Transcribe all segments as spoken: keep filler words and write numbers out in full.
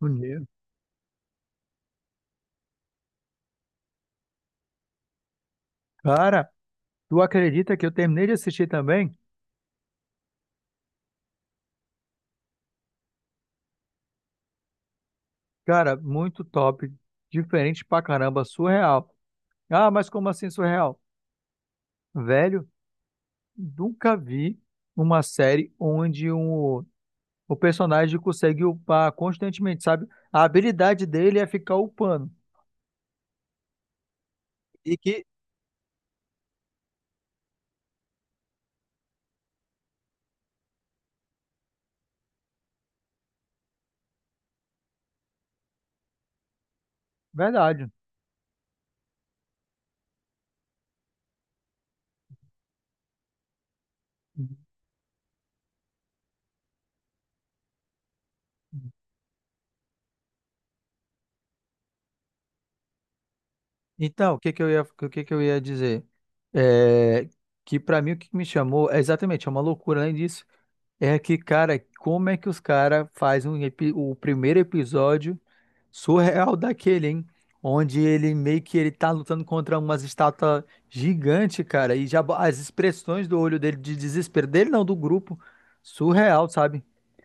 Maneiro. Cara, tu acredita que eu terminei de assistir também? Cara, muito top. Diferente pra caramba, surreal. Ah, mas como assim surreal? Velho, nunca vi uma série onde um, o personagem consegue upar constantemente, sabe? A habilidade dele é ficar upando. E que, verdade. Então, o que que eu ia, o que que eu ia dizer? É, que pra mim o que me chamou, é exatamente, é uma loucura além disso. É que, cara, como é que os caras fazem um epi- o primeiro episódio surreal daquele, hein? Onde ele meio que ele tá lutando contra umas estátuas gigantes, cara, e já bo- as expressões do olho dele, de desespero dele, não, do grupo, surreal, sabe?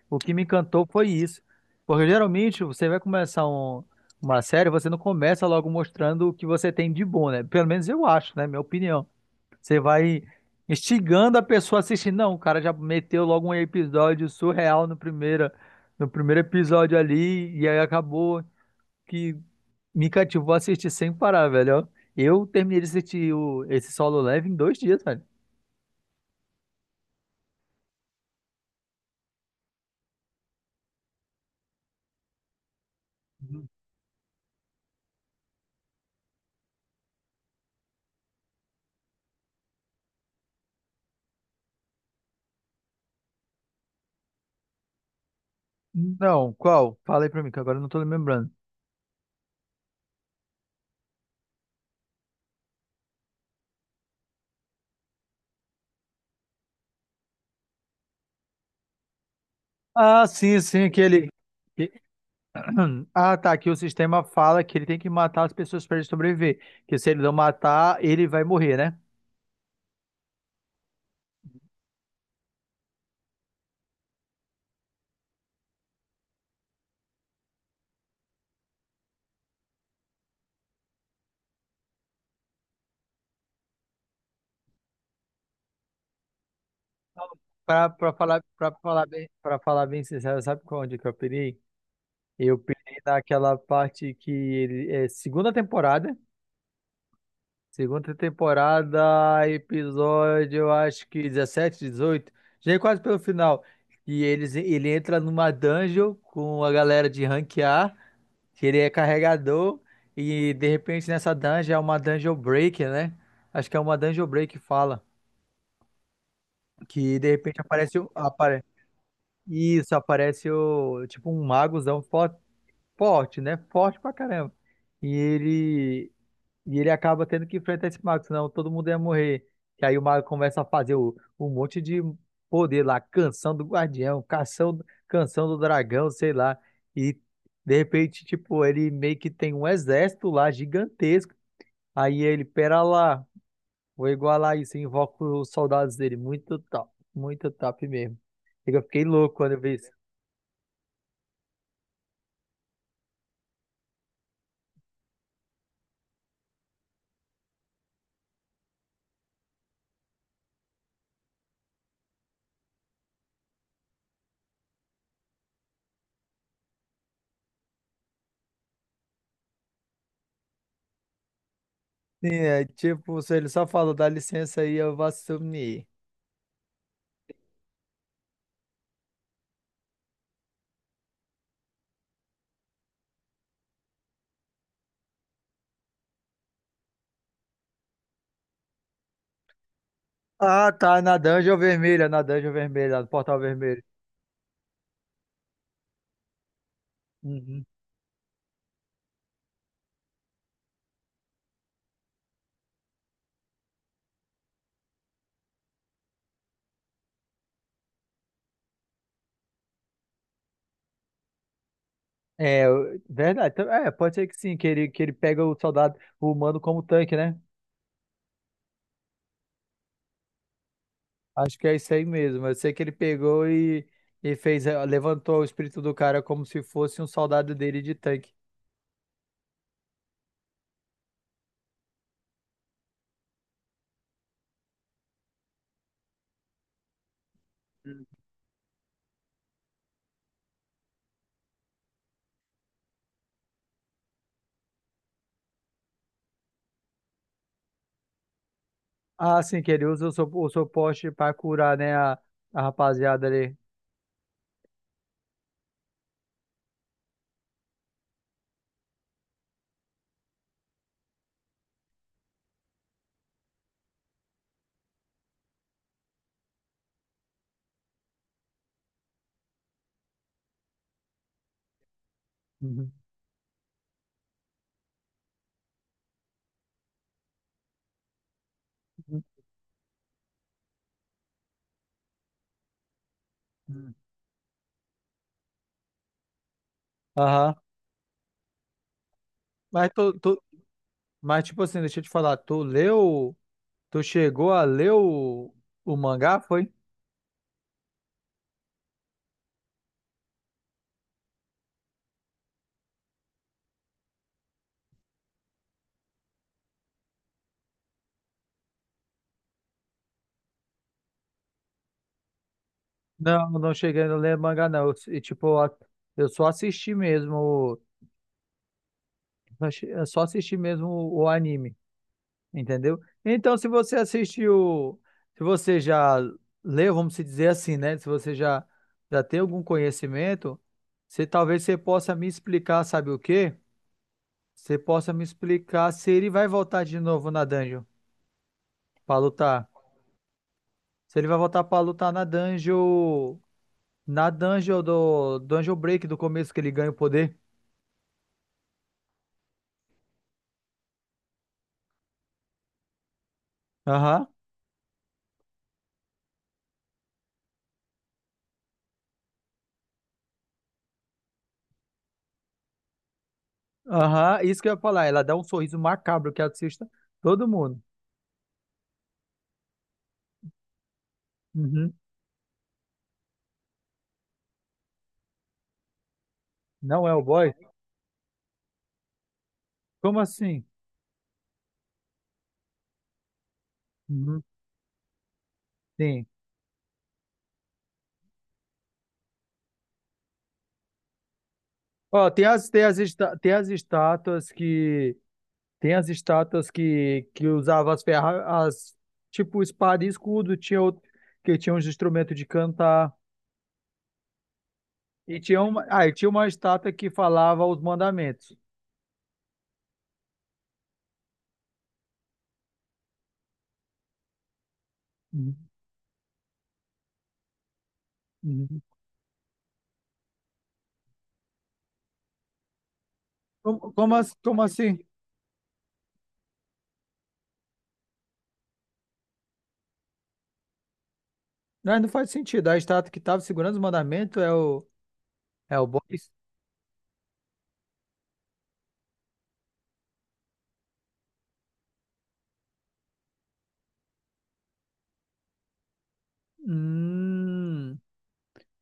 O que me encantou foi isso. Porque geralmente você vai começar um- uma série, você não começa logo mostrando o que você tem de bom, né? Pelo menos eu acho, né? Minha opinião. Você vai instigando a pessoa a assistir. Não, o cara já meteu logo um episódio surreal no primeiro no primeiro episódio ali, e aí acabou que me cativou a assistir sem parar, velho. Ó. Eu terminei de assistir o, esse Solo Leveling em dois dias, velho. Não, qual? Fala aí pra mim, que agora eu não tô lembrando. Ah, sim, sim, que ele. que- Ah, tá. Que o sistema fala que ele tem que matar as pessoas para ele sobreviver. Que se ele não matar, ele vai morrer, né? Pra, pra falar, pra falar bem, pra falar bem sincero, sabe onde que eu pirei? Eu pirei naquela parte que ele é segunda temporada, segunda temporada, episódio, eu acho que dezessete dezoito já é quase pelo final. E eles, ele entra numa dungeon com a galera de rank á, que ele é carregador, e de repente nessa dungeon é uma dungeon break, né? Acho que é uma dungeon break que fala. Que de repente aparece. Isso, aparece o, tipo um magozão forte, forte, né? Forte pra caramba. E ele, e ele acaba tendo que enfrentar esse mago, senão todo mundo ia morrer. E aí o mago começa a fazer o, um monte de poder lá, canção do guardião, canção, canção do dragão, sei lá. E de repente, tipo, ele meio que tem um exército lá gigantesco. Aí ele, pera lá, vou igualar isso, invoca os soldados dele. Muito top, muito top mesmo. Eu fiquei louco quando eu vi isso. Sim, é tipo, se ele só falou, dá licença aí, eu vou assumir. Ah, tá, na dungeon vermelha, na dungeon vermelha, no portal vermelho. Uhum. É, eu- verdade. Então, É, pode ser que sim, que ele, que ele pega o soldado o humano como tanque, né? Acho que é isso aí mesmo. Eu sei que ele pegou e, e fez, eh, levantou o espírito do cara como se fosse um soldado dele de tanque. Ah, sim, que ele usa o, su o suporte pra curar, né, a, a rapaziada ali. Uhum. Uhum. Aham. Mas tu, tu, Mas, tipo assim, deixa eu te falar, tu leu, tu chegou a ler o, o mangá, foi? Não, não cheguei a ler mangá, não. Eu, e, tipo, a- eu só assisti mesmo, o eu só assisti mesmo o, o anime, entendeu? Então, se você assistiu, se você já leu, vamos se dizer assim, né? Se você já, já tem algum conhecimento, você talvez você possa me explicar, sabe o quê? Você possa me explicar se ele vai voltar de novo na dungeon pra lutar. Se ele vai voltar pra lutar na dungeon. Na dungeon do Dungeon Break do começo que ele ganha o poder. Aham. Aham. Isso que eu ia falar. Ela dá um sorriso macabro que assista todo mundo. Uhum. Não é o boy? Como assim? Uhum. Sim. Ó, tem as, tem as, esta- tem as estátuas que. Tem as estátuas que, que usava as ferras. Tipo espada e escudo. Tinha outro, que tinha uns instrumentos de cantar. E tinha uma, ah, e tinha uma estátua que falava os mandamentos. Uhum. Uhum. Como, como, as- como assim? Não, não faz sentido. A estátua que estava segurando os mandamentos é o, é o boi? Hum,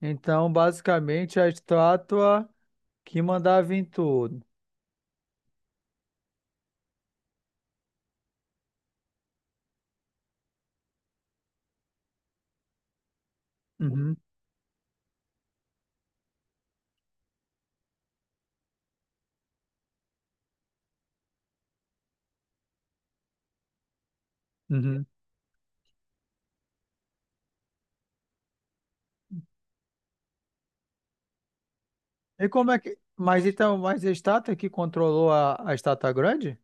então, basicamente, a estátua que mandava em tudo. Uhum, uhum. E como é que. Mas então, mas a estátua que controlou a, a estátua grande?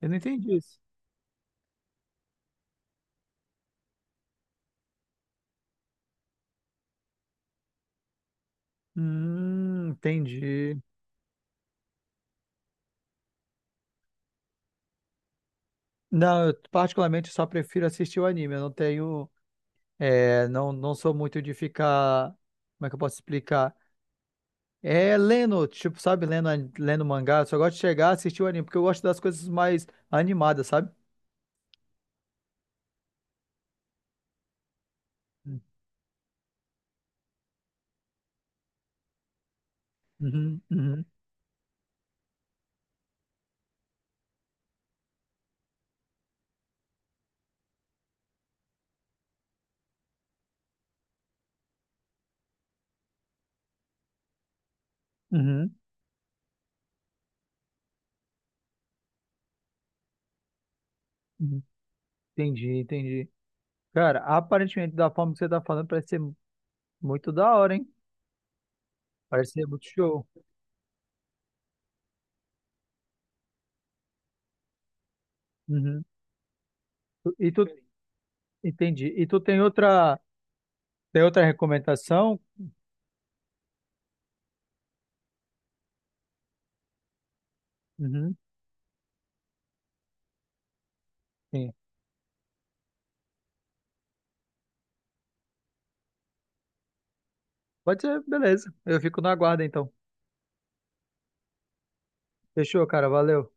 Eu não entendi isso. Hum, entendi. Não, eu particularmente só prefiro assistir o anime. Eu não tenho. é, não, não sou muito de ficar. Como é que eu posso explicar? É lendo, tipo, sabe, lendo, an- lendo mangá, eu só gosto de chegar, assistir o anime, porque eu gosto das coisas mais animadas, sabe? Uhum, uhum, uhum, uhum. Entendi, entendi. Cara, aparentemente, da forma que você tá falando, parece ser muito da hora, hein? Parece ser muito show. Uhum. Tu- E tu, entendi. E tu tem outra, tem outra recomendação? Uhum, sim. Pode ser, beleza. Eu fico na guarda, então. Fechou, cara, valeu.